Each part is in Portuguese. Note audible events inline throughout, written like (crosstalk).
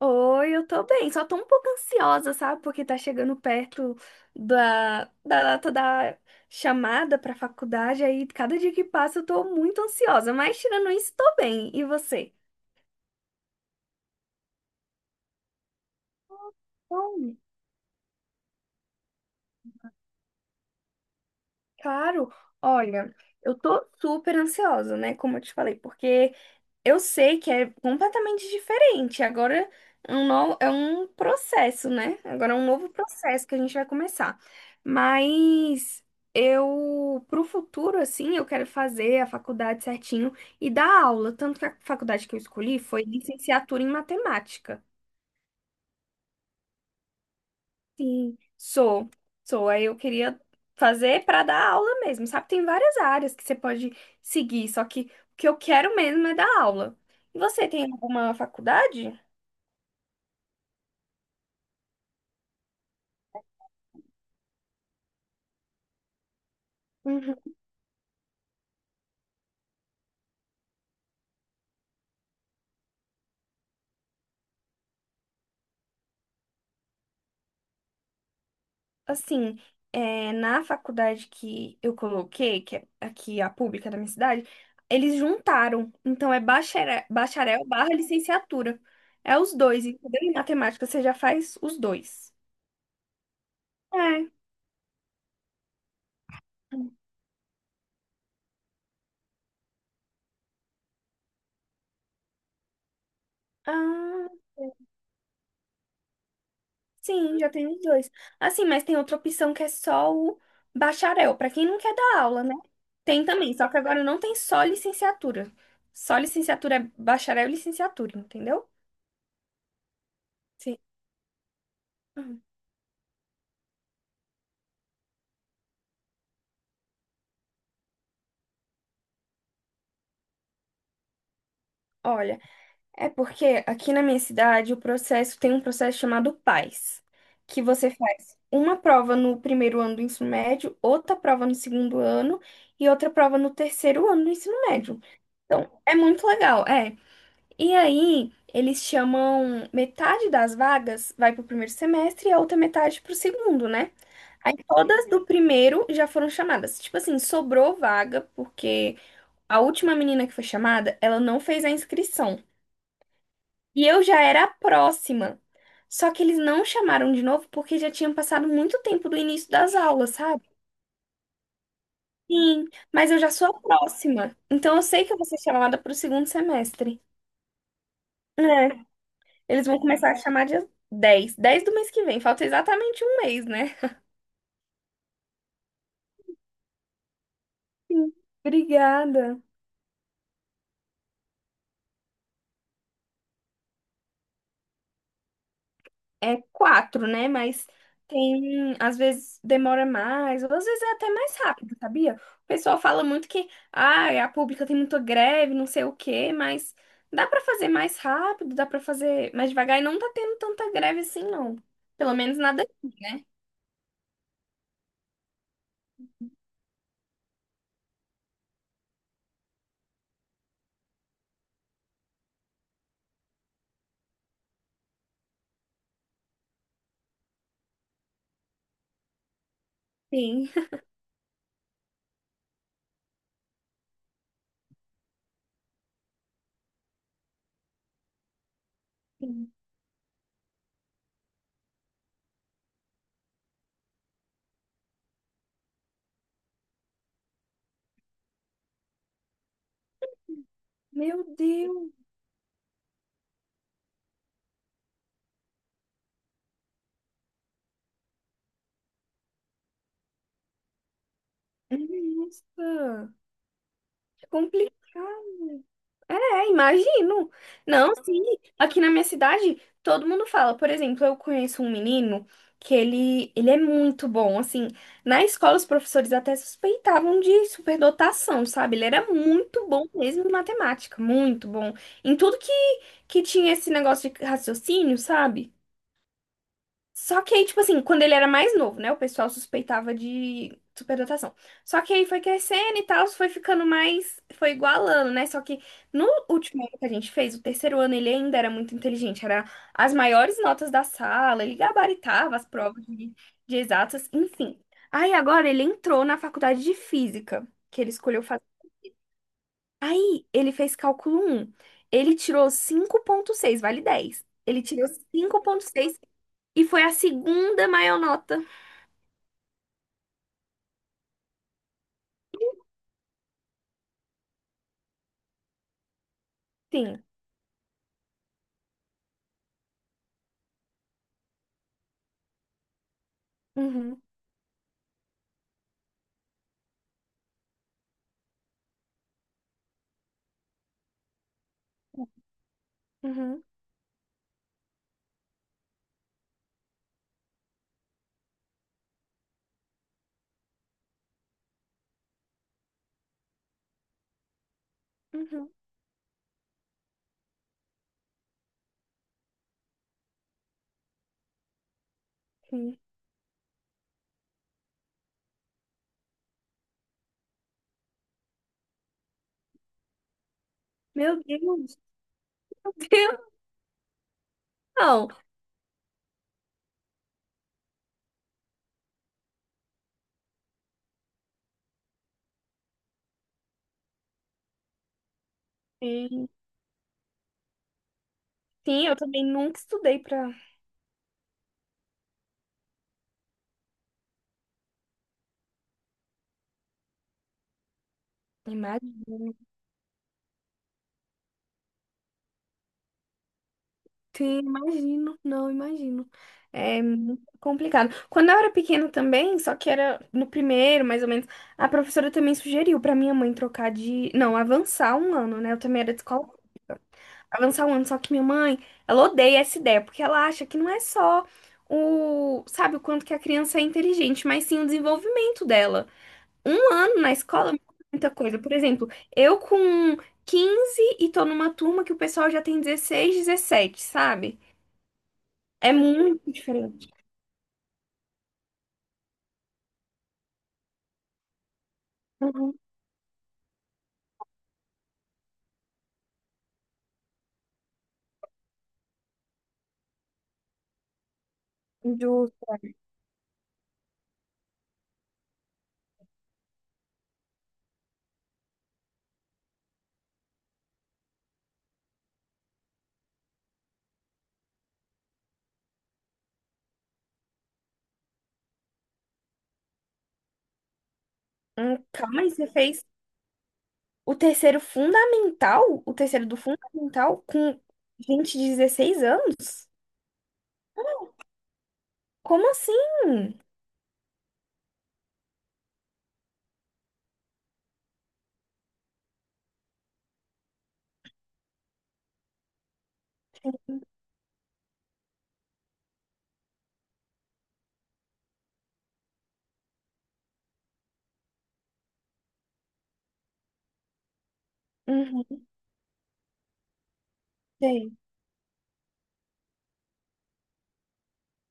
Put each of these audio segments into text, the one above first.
Oi, eu tô bem, só tô um pouco ansiosa, sabe? Porque tá chegando perto da data da chamada pra faculdade, aí cada dia que passa eu tô muito ansiosa, mas tirando isso, tô bem. E você? Bom, claro, olha, eu tô super ansiosa, né? Como eu te falei, porque eu sei que é completamente diferente. Agora é um processo, né? Agora é um novo processo que a gente vai começar. Mas eu, pro futuro, assim, eu quero fazer a faculdade certinho e dar aula. Tanto que a faculdade que eu escolhi foi licenciatura em matemática. Sim, sou. Sou. Aí eu queria fazer para dar aula mesmo, sabe? Tem várias áreas que você pode seguir, só que o que eu quero mesmo é dar aula. E você tem alguma faculdade? Assim, é, na faculdade que eu coloquei, que é aqui a pública da minha cidade, eles juntaram. Então é bacharel, bacharel barra licenciatura. É os dois, entendeu? Em matemática você já faz os dois. É. Ah, sim, já tem os dois. Assim, mas tem outra opção que é só o bacharel, para quem não quer dar aula, né? Tem também, só que agora não tem só licenciatura. Só licenciatura é bacharel e licenciatura, entendeu? Sim. Uhum. Olha. É porque aqui na minha cidade o processo tem um processo chamado PAS, que você faz uma prova no primeiro ano do ensino médio, outra prova no segundo ano e outra prova no terceiro ano do ensino médio. Então, é muito legal, é. E aí, eles chamam metade das vagas vai para o primeiro semestre e a outra metade para o segundo, né? Aí todas do primeiro já foram chamadas. Tipo assim, sobrou vaga, porque a última menina que foi chamada, ela não fez a inscrição. E eu já era a próxima. Só que eles não chamaram de novo porque já tinham passado muito tempo do início das aulas, sabe? Sim, mas eu já sou a próxima. Então eu sei que eu vou ser chamada para o segundo semestre. É, eles vão começar a chamar dia dez do mês que vem. Falta exatamente um mês, né? Sim, obrigada. É quatro, né? Mas tem, às vezes demora mais, ou às vezes é até mais rápido, sabia? O pessoal fala muito que, ah, a pública tem muita greve, não sei o quê, mas dá pra fazer mais rápido, dá pra fazer mais devagar e não tá tendo tanta greve assim, não. Pelo menos nada tem. (laughs) Meu Deus, nossa, complicado. É, imagino. Não, sim. Aqui na minha cidade, todo mundo fala. Por exemplo, eu conheço um menino que ele é muito bom. Assim, na escola, os professores até suspeitavam de superdotação, sabe? Ele era muito bom mesmo em matemática, muito bom. Em tudo que tinha esse negócio de raciocínio, sabe? Só que aí, tipo assim, quando ele era mais novo, né? O pessoal suspeitava de superdotação. Só que aí foi crescendo e tal, foi ficando mais. Foi igualando, né? Só que no último ano que a gente fez, o terceiro ano, ele ainda era muito inteligente. Era as maiores notas da sala, ele gabaritava as provas de exatas, enfim. Aí agora ele entrou na faculdade de física, que ele escolheu fazer. Aí ele fez cálculo um. Ele tirou 5,6, vale 10. Ele tirou cinco vírgula seis e foi a segunda maior nota. Sim. Uhum, uhum, uhum, sim. Meu Deus, meu Deus, não. Sim, sim, eu também nunca estudei pra. Imagino. Sim, imagino. Não, imagino. É muito complicado. Quando eu era pequena também, só que era no primeiro, mais ou menos, a professora também sugeriu pra minha mãe trocar de. Não, avançar um ano, né? Eu também era de escola avançar um ano. Só que minha mãe, ela odeia essa ideia, porque ela acha que não é só o, sabe, o quanto que a criança é inteligente, mas sim o desenvolvimento dela. Um ano na escola muda muita coisa. Por exemplo, eu com 15 e tô numa turma que o pessoal já tem 16, 17, sabe? É muito diferente. Uhum. Do... calma aí, você fez o terceiro fundamental, o terceiro do fundamental com gente de 16 anos? Como assim? Uhum, sei.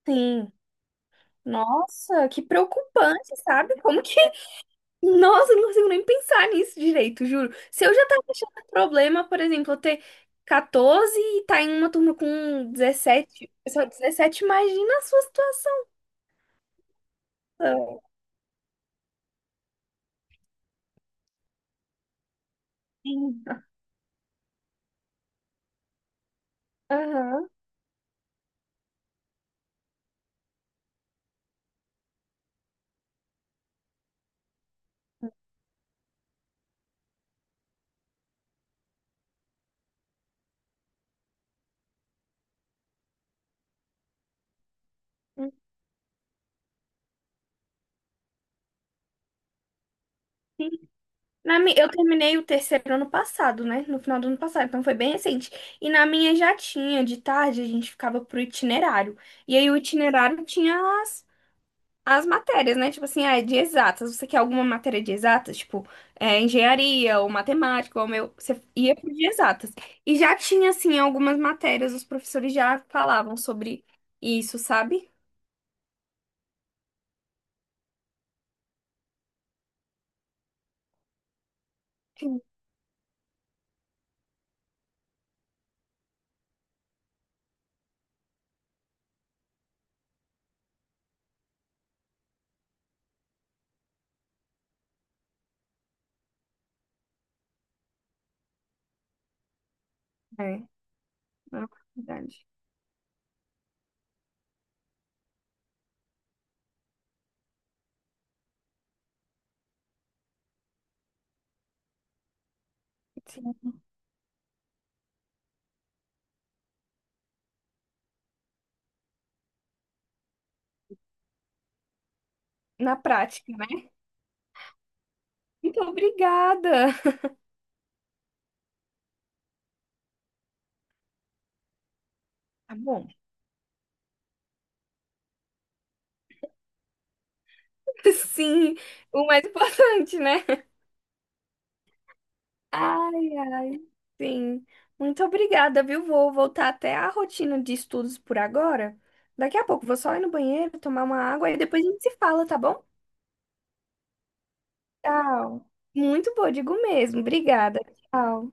Sim. Nossa, que preocupante, sabe? Como que. (laughs) Nossa, eu não consigo nem pensar nisso direito, juro. Se eu já tava achando um problema, por exemplo, eu ter 14 e tá em uma turma com 17, só 17, imagina a sua situação. (laughs) Sim. Aham. Sim. Eu terminei o terceiro ano passado, né? No final do ano passado, então foi bem recente. E na minha já tinha, de tarde a gente ficava pro itinerário. E aí o itinerário tinha as matérias, né? Tipo assim, ah, é de exatas. Você quer alguma matéria de exatas? Tipo, é, engenharia ou matemática, ou meu. Você ia pro de exatas. E já tinha, assim, algumas matérias, os professores já falavam sobre isso, sabe? Sim. É, na verdade. Sim, na prática, né? Muito obrigada. Tá bom. (laughs) Sim, o mais importante, né? Ai, ai, sim. Muito obrigada, viu? Vou voltar até a rotina de estudos por agora. Daqui a pouco vou só ir no banheiro, tomar uma água e depois a gente se fala, tá bom? Tchau. Muito boa, digo mesmo. Obrigada. Tchau.